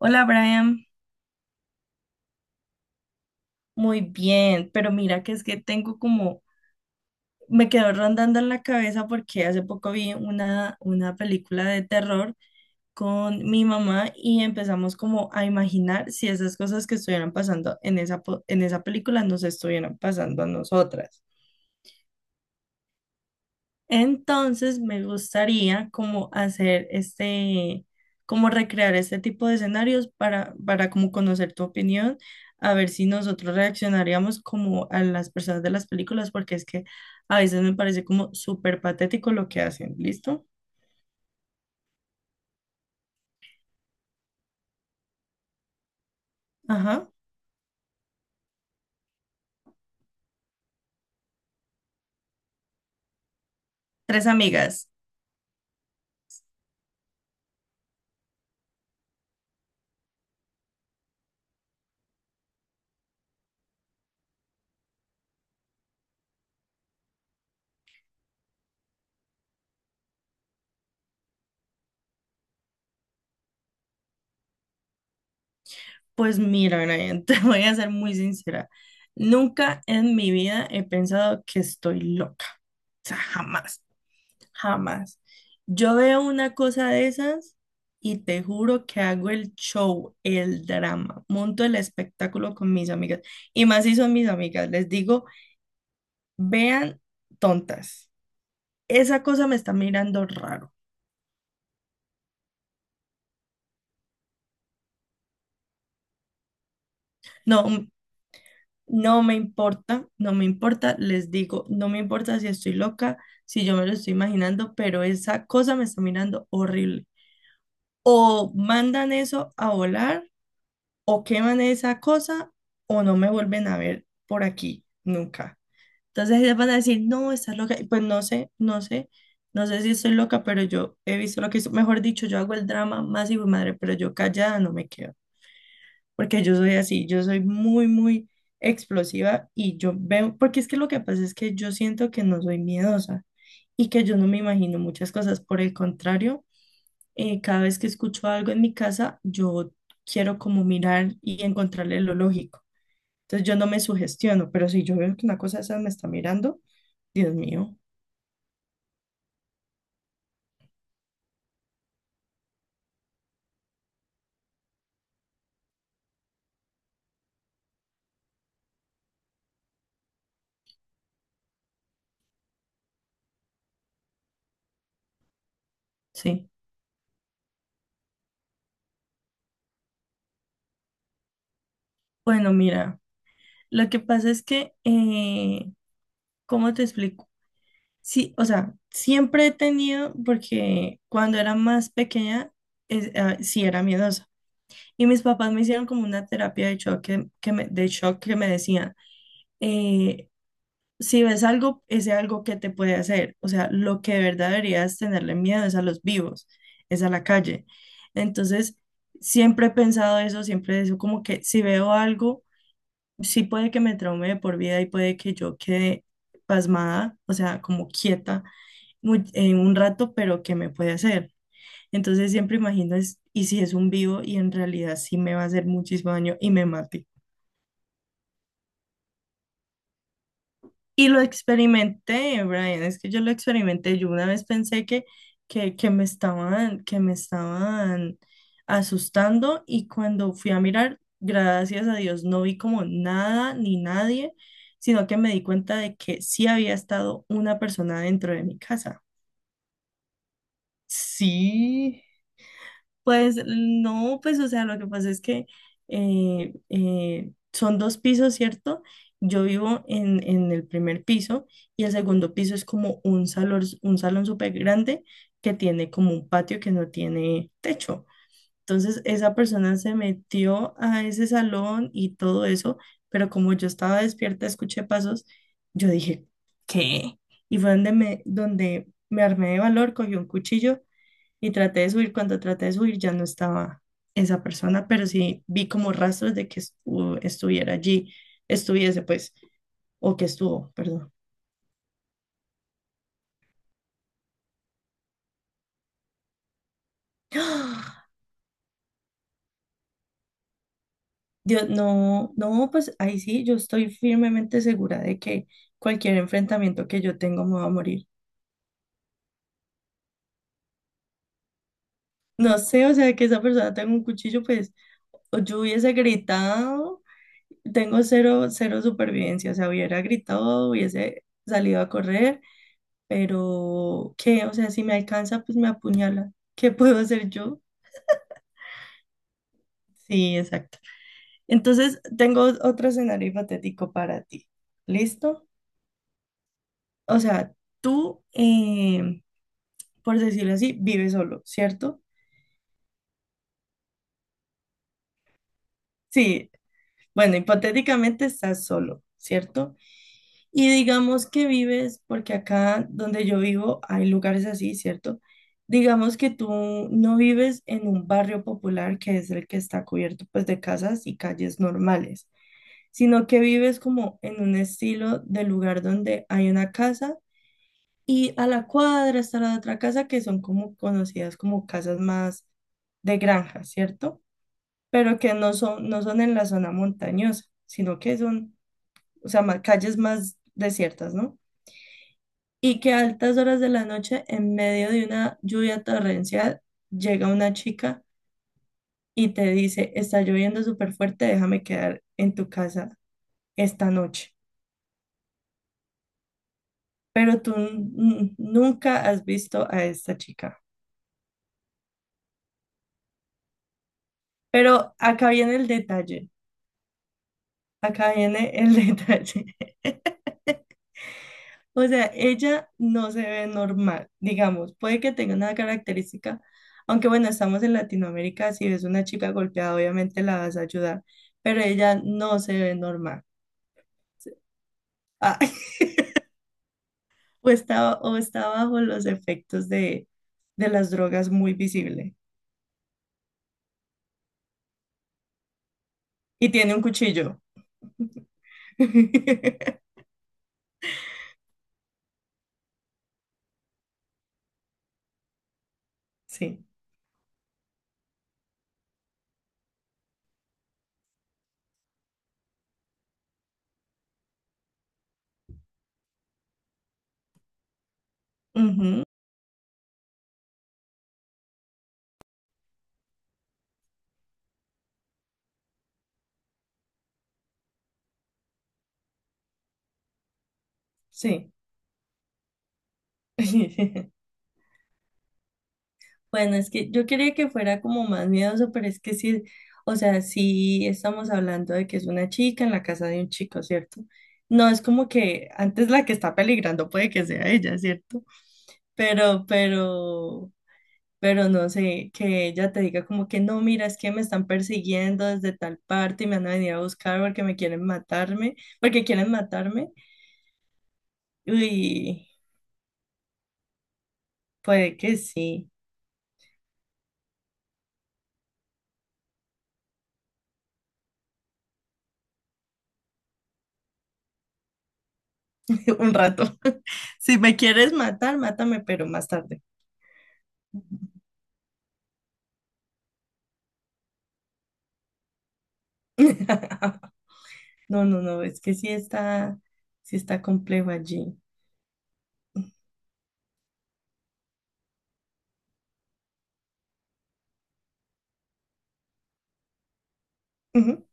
Hola Brian, muy bien, pero mira que es que tengo me quedó rondando en la cabeza porque hace poco vi una película de terror con mi mamá y empezamos como a imaginar si esas cosas que estuvieran pasando en en esa película nos estuvieran pasando a nosotras. Entonces me gustaría como hacer como recrear este tipo de escenarios para como conocer tu opinión, a ver si nosotros reaccionaríamos como a las personas de las películas, porque es que a veces me parece como súper patético lo que hacen, ¿listo? Ajá. Tres amigas. Pues mira, Brian, te voy a ser muy sincera. Nunca en mi vida he pensado que estoy loca. O sea, jamás. Jamás. Yo veo una cosa de esas y te juro que hago el show, el drama, monto el espectáculo con mis amigas. Y más si son mis amigas, les digo, vean tontas, esa cosa me está mirando raro. No, m- no me importa, no me importa, les digo, no me importa si estoy loca, si yo me lo estoy imaginando, pero esa cosa me está mirando horrible. O mandan eso a volar o queman esa cosa o no me vuelven a ver por aquí nunca. Entonces ellas van a decir, no, estás loca. Y pues no sé si estoy loca, pero yo he visto lo que hizo. Mejor dicho, yo hago el drama más hijo de madre, pero yo callada no me quedo. Porque yo soy así, yo soy muy explosiva y yo veo, porque es que lo que pasa es que yo siento que no soy miedosa y que yo no me imagino muchas cosas. Por el contrario cada vez que escucho algo en mi casa, yo quiero como mirar y encontrarle lo lógico. Entonces yo no me sugestiono, pero si yo veo que una cosa esa me está mirando, Dios mío, sí. Bueno, mira, lo que pasa es que, ¿cómo te explico? Sí, o sea, siempre he tenido, porque cuando era más pequeña, sí era miedosa. Y mis papás me hicieron como una terapia de shock de shock que me decían, eh, si ves algo, ese algo que te puede hacer. O sea, lo que de verdad deberías tenerle miedo es a los vivos, es a la calle. Entonces, siempre he pensado eso, siempre eso, como que si veo algo, sí puede que me traume de por vida y puede que yo quede pasmada, o sea, como quieta en un rato, pero ¿qué me puede hacer? Entonces siempre imagino es, y si es un vivo y en realidad sí me va a hacer muchísimo daño y me mata. Y lo experimenté, Brian, es que yo lo experimenté. Yo una vez pensé que me estaban, que me estaban asustando y cuando fui a mirar, gracias a Dios, no vi como nada ni nadie, sino que me di cuenta de que sí había estado una persona dentro de mi casa. Sí. Pues no, pues o sea, lo que pasa es que son dos pisos, ¿cierto? Yo vivo en el primer piso y el segundo piso es como un salón súper grande que tiene como un patio que no tiene techo. Entonces esa persona se metió a ese salón y todo eso, pero como yo estaba despierta, escuché pasos, yo dije, ¿qué? Y fue donde donde me armé de valor, cogí un cuchillo y traté de subir, cuando traté de subir ya no estaba esa persona, pero sí vi como rastros de que estuviera allí, estuviese pues, o que estuvo, perdón. ¡Ah! Dios, no, no, pues ahí sí, yo estoy firmemente segura de que cualquier enfrentamiento que yo tengo me va a morir. No sé, o sea, que esa persona tenga un cuchillo, pues, o yo hubiese gritado, tengo cero, cero supervivencia, o sea, hubiera gritado, hubiese salido a correr pero ¿qué? O sea, si me alcanza, pues me apuñala. ¿Qué puedo hacer yo? Sí, exacto. Entonces, tengo otro escenario hipotético para ti. ¿Listo? O sea, tú, por decirlo así, vives solo, ¿cierto? Sí, bueno, hipotéticamente estás solo, ¿cierto? Y digamos que vives, porque acá donde yo vivo hay lugares así, ¿cierto? Digamos que tú no vives en un barrio popular que es el que está cubierto pues de casas y calles normales, sino que vives como en un estilo de lugar donde hay una casa y a la cuadra está la otra casa que son como conocidas como casas más de granja, ¿cierto? Pero que no son en la zona montañosa, sino que son, o sea, calles más desiertas, ¿no? Y que a altas horas de la noche, en medio de una lluvia torrencial, llega una chica y te dice, está lloviendo súper fuerte, déjame quedar en tu casa esta noche. Pero nunca has visto a esta chica. Pero acá viene el detalle, acá viene el detalle. O sea, ella no se ve normal, digamos, puede que tenga una característica, aunque bueno, estamos en Latinoamérica, si ves una chica golpeada, obviamente la vas a ayudar, pero ella no se ve normal. Ah, o está bajo los efectos de las drogas muy visible. Y tiene un cuchillo. Sí. Ujú. Sí. Bueno, es que yo quería que fuera como más miedoso, pero es que sí, o sea, sí estamos hablando de que es una chica en la casa de un chico, ¿cierto? No es como que antes la que está peligrando puede que sea ella, ¿cierto? Pero, pero, pero no sé, que ella te diga como que no, mira, es que me están persiguiendo desde tal parte y me van a venir a buscar porque me quieren matarme, porque quieren matarme. Uy, puede que sí, un rato. Si me quieres matar, mátame, pero más tarde. No, no, no, es que sí está complejo allí. Ujú.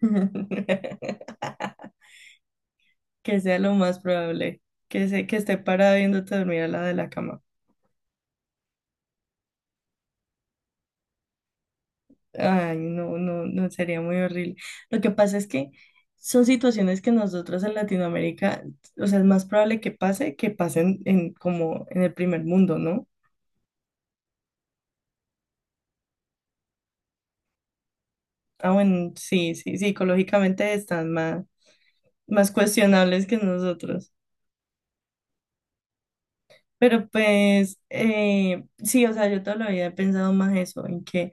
Que sea lo más probable, que esté parada viéndote dormir al lado de la cama. Ay, no, no, no, sería muy horrible. Lo que pasa es que son situaciones que nosotros en Latinoamérica, o sea, es más probable que pase que pasen en, como en el primer mundo, ¿no? Ah, bueno, sí, sí, psicológicamente están más cuestionables que nosotros. Pero pues, sí, o sea, yo toda la vida he pensado más eso, en que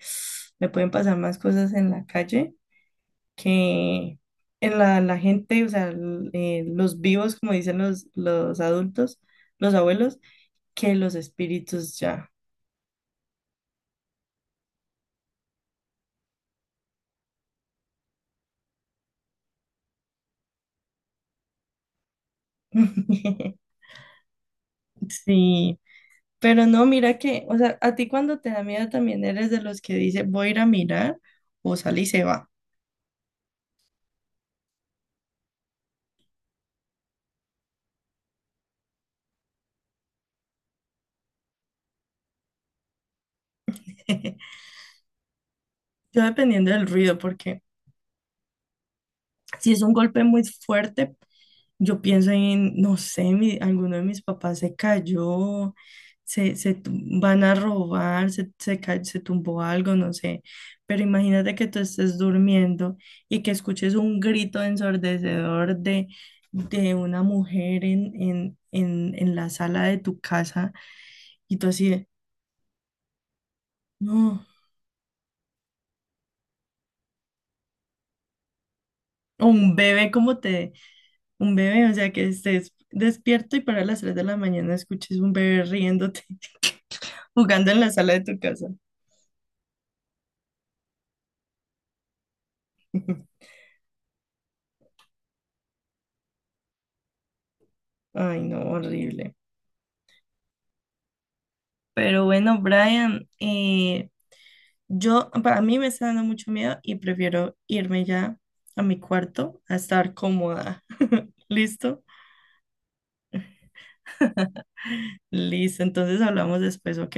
me pueden pasar más cosas en la calle que en la gente, o sea, los vivos, como dicen los adultos, los abuelos, que los espíritus ya. Sí, pero no, mira que, o sea, a ti cuando te da miedo también eres de los que dice voy a ir a mirar o sale y se va. Yo dependiendo del ruido, porque si es un golpe muy fuerte, yo pienso en, no sé, alguno de mis papás se cayó, se, se tu- van a robar, se tumbó algo, no sé. Pero imagínate que tú estés durmiendo y que escuches un grito ensordecedor de una mujer en la sala de tu casa y tú así de, no, o un bebé como te un bebé, o sea, que estés despierto y para las 3 de la mañana escuches un bebé riéndote, jugando en la sala de tu casa. Ay, no, horrible. Pero bueno, Brian, yo, para mí me está dando mucho miedo y prefiero irme ya a mi cuarto a estar cómoda. ¿Listo? Listo, entonces hablamos después, ¿ok?